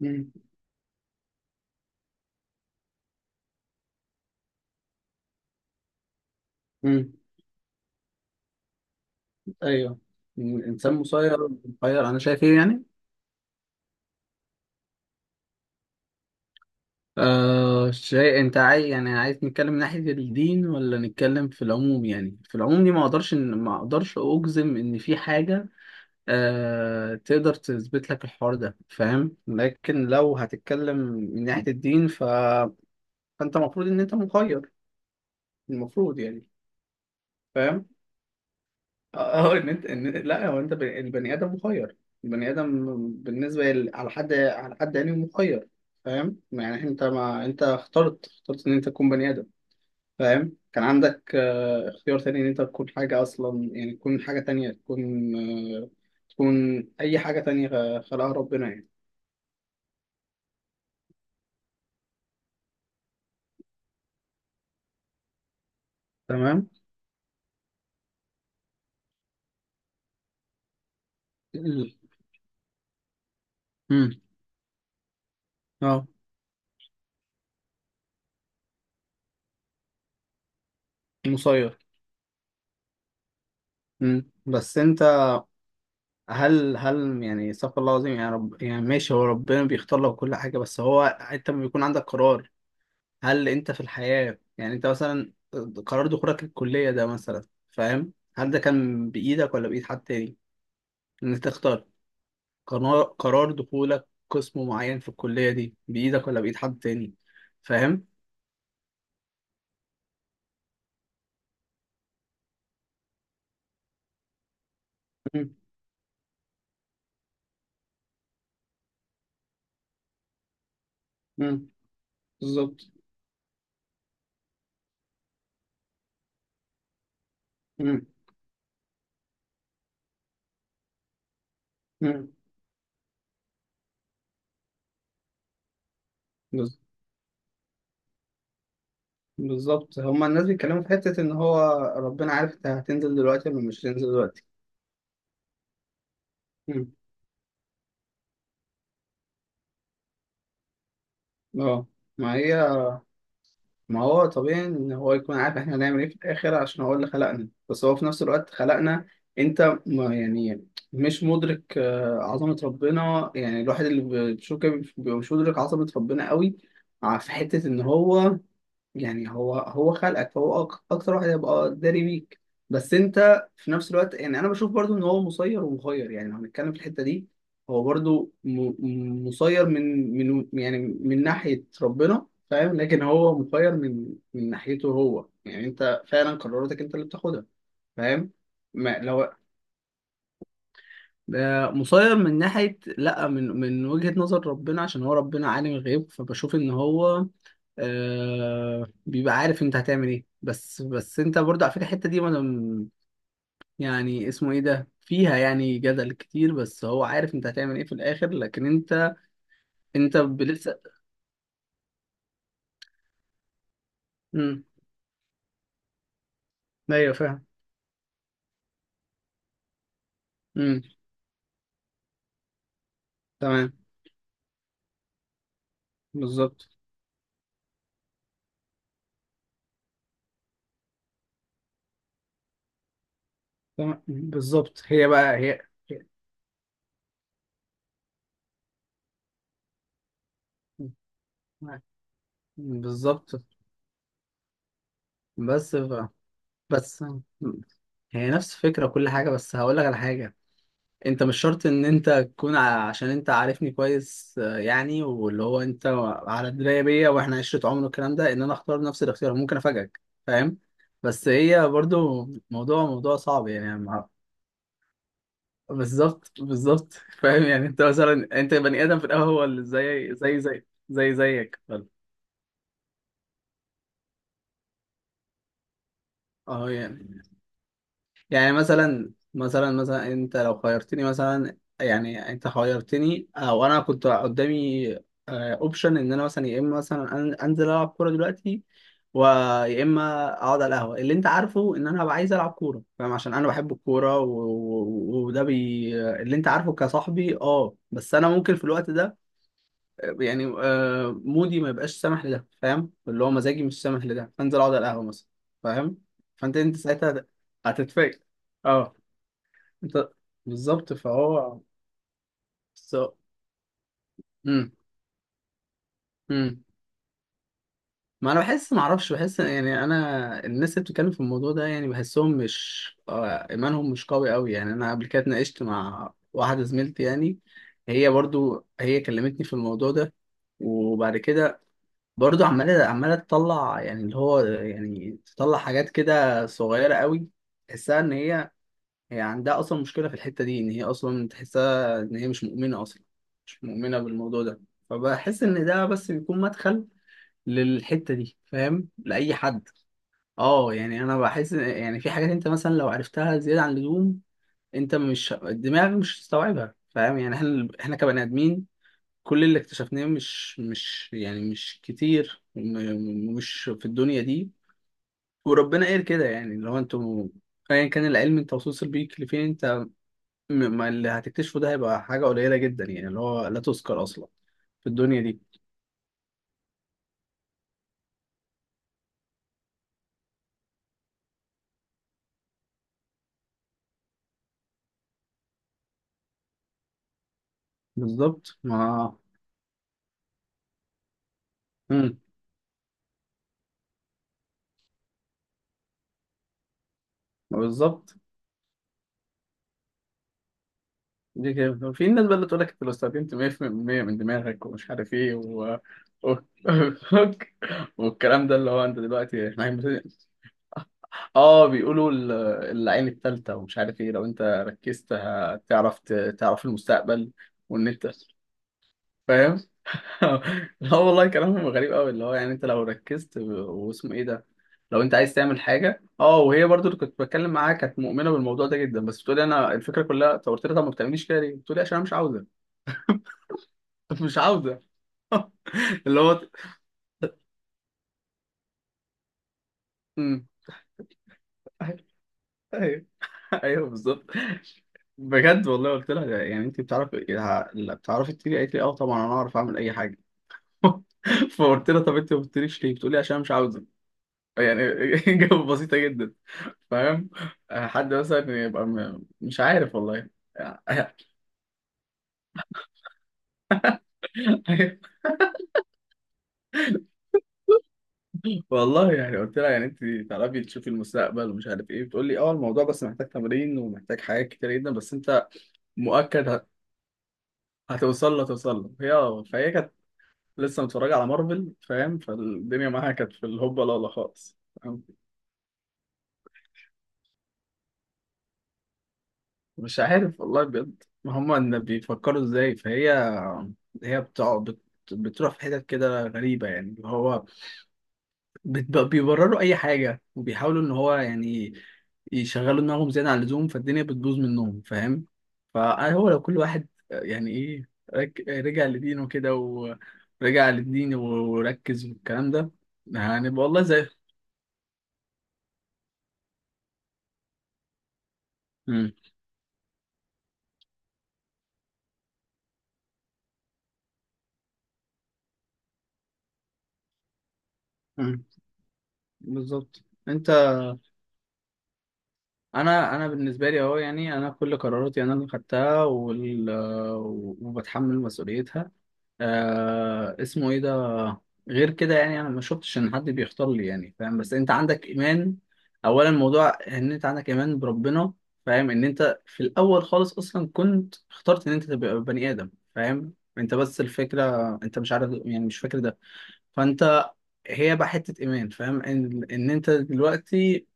مم. مم. ايوه. الانسان مسير مسير، انا شايف ايه يعني. شيء انت عايز، يعني عايز نتكلم من ناحية الدين ولا نتكلم في العموم؟ يعني في العموم دي ما اقدرش اجزم ان في حاجة تقدر تثبت لك الحوار ده، فاهم؟ لكن لو هتتكلم من ناحية الدين فانت المفروض ان انت مخير، المفروض يعني، فاهم. اه ان انت لا هو انت البني ادم مخير، البني ادم بالنسبه على حد، على حد يعني مخير، فاهم. يعني انت ما انت اخترت ان انت تكون بني ادم، فاهم. كان عندك اختيار تاني ان انت تكون حاجه اصلا، يعني تكون حاجه تانية، تكون آه، تكون اي حاجه تانية خلقها ربنا يعني. تمام. ال- امم اه. مسير. بس انت، هل يعني، استغفر الله العظيم، يعني رب، يعني ماشي، هو ربنا بيختار لك كل حاجة، بس هو انت لما بيكون عندك قرار، هل انت في الحياة يعني انت مثلا، قرار دخولك الكلية ده مثلا، فاهم، هل ده كان بإيدك ولا بإيد حد تاني؟ ان انت تختار. قرار دخولك قسم معين في الكلية دي بإيدك ولا بإيد حد تاني؟ فاهم. مم، مم، بالظبط. مم، مم، بز- بالظبط. هما الناس بيتكلموا في حتة ان هو ربنا عارف انت هتنزل دلوقتي ولا مش هتنزل دلوقتي. اه. ما هي، ما هو طبيعي ان هو يكون عارف احنا هنعمل ايه في الاخر عشان هو اللي خلقنا، بس هو في نفس الوقت خلقنا. انت ما يعني مش مدرك عظمة ربنا، يعني الواحد اللي بتشوف كده بيبقى مش مدرك عظمة ربنا قوي. في حتة ان هو يعني، هو خلقك فهو اكتر واحد هيبقى داري بيك، بس انت في نفس الوقت يعني انا بشوف برضو ان هو مسير ومخير، يعني لو هنتكلم في الحتة دي، هو برضو مسير من يعني من ناحية ربنا، فاهم. لكن هو مخير من ناحيته هو، يعني انت فعلا قراراتك انت اللي بتاخدها، فاهم. ما لو ده مسير من ناحية، لا، من وجهة نظر ربنا، عشان هو ربنا عالم الغيب، فبشوف ان هو بيبقى عارف انت هتعمل ايه، بس انت برضه على فكره الحته دي، وانا يعني اسمه ايه ده، فيها يعني جدل كتير، بس هو عارف انت هتعمل ايه في الاخر، لكن انت، انت لسه. امم ايوه، فاهم. امم تمام. بالظبط. تمام. بالظبط. هي بقى هي مم. بالظبط. بس ف... بس هي نفس الفكره وكل حاجه، بس هقول لك على حاجه. انت مش شرط ان انت تكون عشان انت عارفني كويس، يعني واللي هو انت على درايه بيا، واحنا عشره عمر والكلام ده، ان انا اختار نفس الاختيار، ممكن افاجئك، فاهم. بس هي برضو موضوع صعب يعني، بالظبط، بالظبط. فاهم، يعني انت مثلا انت بني ادم في الاول، هو اللي زي زيك. اه يعني، يعني مثلا انت لو خيرتني مثلا، يعني انت خيرتني او انا كنت قدامي اوبشن ان انا مثلا، يا اما مثلا انزل العب كوره دلوقتي، ويا اما اقعد على القهوه. اللي انت عارفه ان انا هبقى عايز العب كوره، فاهم، عشان انا بحب الكوره وده بي اللي انت عارفه كصاحبي. اه، بس انا ممكن في الوقت ده يعني مودي ما يبقاش سامح لده، فاهم. اللي هو مزاجي مش سامح لده، فانزل اقعد على القهوه مثلا، فاهم. فانت انت ساعتها هتتفاجئ. اه. انت. بالظبط. فهو. بس- امم امم. ما انا بحس ما اعرفش، بحس يعني، انا الناس اللي بتتكلم في الموضوع ده يعني بحسهم مش ايمانهم مش قوي قوي يعني. انا قبل كده اتناقشت مع واحده زميلتي يعني، هي برضو هي كلمتني في الموضوع ده، وبعد كده برضو عماله تطلع، يعني اللي هو يعني تطلع حاجات كده صغيره قوي، تحسها ان هي، هي عندها اصلا مشكله في الحته دي، ان هي اصلا تحسها ان هي مش مؤمنه اصلا، مش مؤمنه بالموضوع ده. فبحس ان ده بس بيكون مدخل للحته دي، فاهم، لاي حد. اه، يعني انا بحس يعني في حاجات انت مثلا لو عرفتها زياده عن اللزوم، انت مش، الدماغ مش هتستوعبها، فاهم. يعني احنا كبني ادمين، كل اللي اكتشفناه مش يعني مش كتير مش في الدنيا دي. وربنا قال كده، يعني لو انتوا ايا كان العلم انت وصلت بيك لفين، انت ما اللي هتكتشفه ده هيبقى حاجة قليلة جدا، يعني اللي هو لا تذكر أصلا في الدنيا دي. بالظبط. ما مم. ما بالظبط. دي كده في الناس بقى اللي تقول لك أنت لو استخدمت 100% من دماغك ومش عارف إيه و... والكلام ده، اللي هو أنت دلوقتي إحنا بيقولوا العين التالتة ومش عارف إيه، لو أنت ركزت هتعرف تعرف المستقبل، وإن أنت، فاهم. لا والله كلامهم غريب قوي، اللي هو يعني انت لو ركزت واسمه ايه ده، لو انت عايز تعمل حاجه. اه، وهي برضو اللي كنت بتكلم معاها كانت مؤمنه بالموضوع ده جدا، بس بتقولي انا الفكره كلها. طب قلت لها طب ما بتعمليش كده ليه؟ بتقولي عشان انا مش عاوزه. مش عاوزه. اللي هو. امم. ايوه. ايوه. أيوة بالظبط. بجد والله قلت لها ده، يعني انت بتعرفي، لا بتعرفي تطيري؟ قالت لي اه، طبعا انا اعرف اعمل اي حاجه. فقلت لها طب انت ما بتطيريش ليه؟ بتقولي عشان انا مش عاوزه يعني. اجابه بسيطه جدا، فاهم. حد مثلا يبقى مش عارف والله يعني. والله يعني قلت لها، يعني انت تعرفي تشوفي المستقبل ومش عارف ايه؟ بتقول لي اه، الموضوع بس محتاج تمرين ومحتاج حاجات كتير جدا، بس انت مؤكد هتوصل له هي. اه. فهي كانت لسه متفرجه على مارفل، فاهم، فالدنيا معاها كانت في الهوبا، لا لا خالص. فاهم؟ مش عارف والله بجد، هما ان بيفكروا ازاي. فهي هي بتقعد بتروح في حتت كده غريبه، يعني اللي هو بيبرروا اي حاجه، وبيحاولوا ان هو يعني يشغلوا دماغهم زياده عن اللزوم، فالدنيا بتبوظ منهم، فاهم. فهو لو كل واحد، يعني ايه، رجع لدينه كده، ورجع للدين وركز والكلام ده، هنبقى والله زي. مم. مم. بالظبط. انت. انا انا بالنسبه لي اهو، يعني انا كل قراراتي انا اللي خدتها وبتحمل مسؤوليتها. اسمه ايه ده، غير كده يعني انا ما شفتش ان حد بيختار لي يعني، فاهم. بس انت عندك ايمان، اولا الموضوع ان انت عندك ايمان بربنا، فاهم، ان انت في الاول خالص اصلا كنت اخترت ان انت تبقى بني ادم، فاهم، انت بس الفكره انت مش عارف يعني، مش فاكر ده. فانت هي بقى حته ايمان، فاهم، ان ان انت دلوقتي،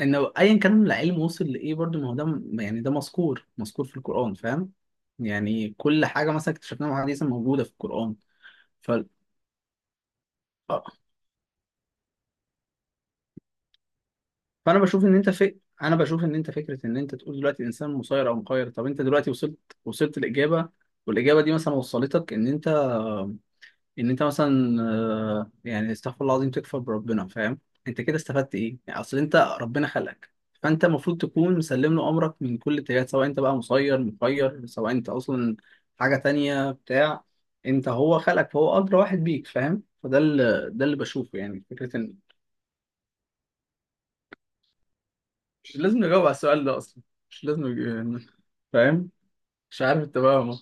ان ايا كان العلم وصل لايه، برضو ما هو ده، يعني ده مذكور، مذكور في القران، فاهم، يعني كل حاجه مثلا اكتشفناها حديثا موجوده في القران. اه. فانا بشوف ان انت انا بشوف ان انت فكره، ان انت تقول دلوقتي الانسان مسير او مخير، طب انت دلوقتي وصلت، وصلت الاجابه، والاجابه دي مثلا وصلتك ان انت، ان انت مثلا يعني استغفر الله العظيم تكفر بربنا، فاهم، انت كده استفدت ايه؟ يعني اصل انت ربنا خلقك، فانت المفروض تكون مسلم له امرك من كل اتجاهات، سواء انت بقى مسير مخير، سواء انت اصلا حاجه تانية بتاع، انت هو خلقك فهو ادرى واحد بيك، فاهم. فده اللي، ده اللي بشوفه، يعني فكره ان مش لازم نجاوب على السؤال ده اصلا، مش لازم فاهم. مش عارف انت فاهمه؟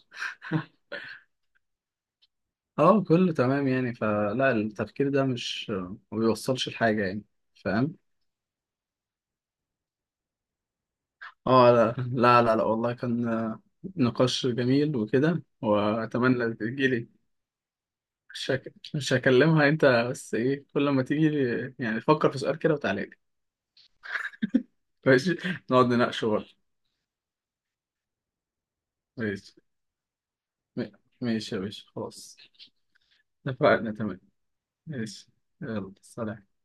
اه كله تمام، يعني فلا، التفكير ده مش، ما بيوصلش لحاجة يعني، فاهم. اه لا لا لا, لا والله كان نقاش جميل وكده، واتمنى تجيلي. مش هكلمها انت، بس ايه، كل ما تيجي يعني فكر في سؤال كده وتعالى لي. ماشي، نقعد نناقشه بقى. ماشي. م- ماشي يا باشا، خلاص، اتفقنا، تمام. ماشي، يلا سلام.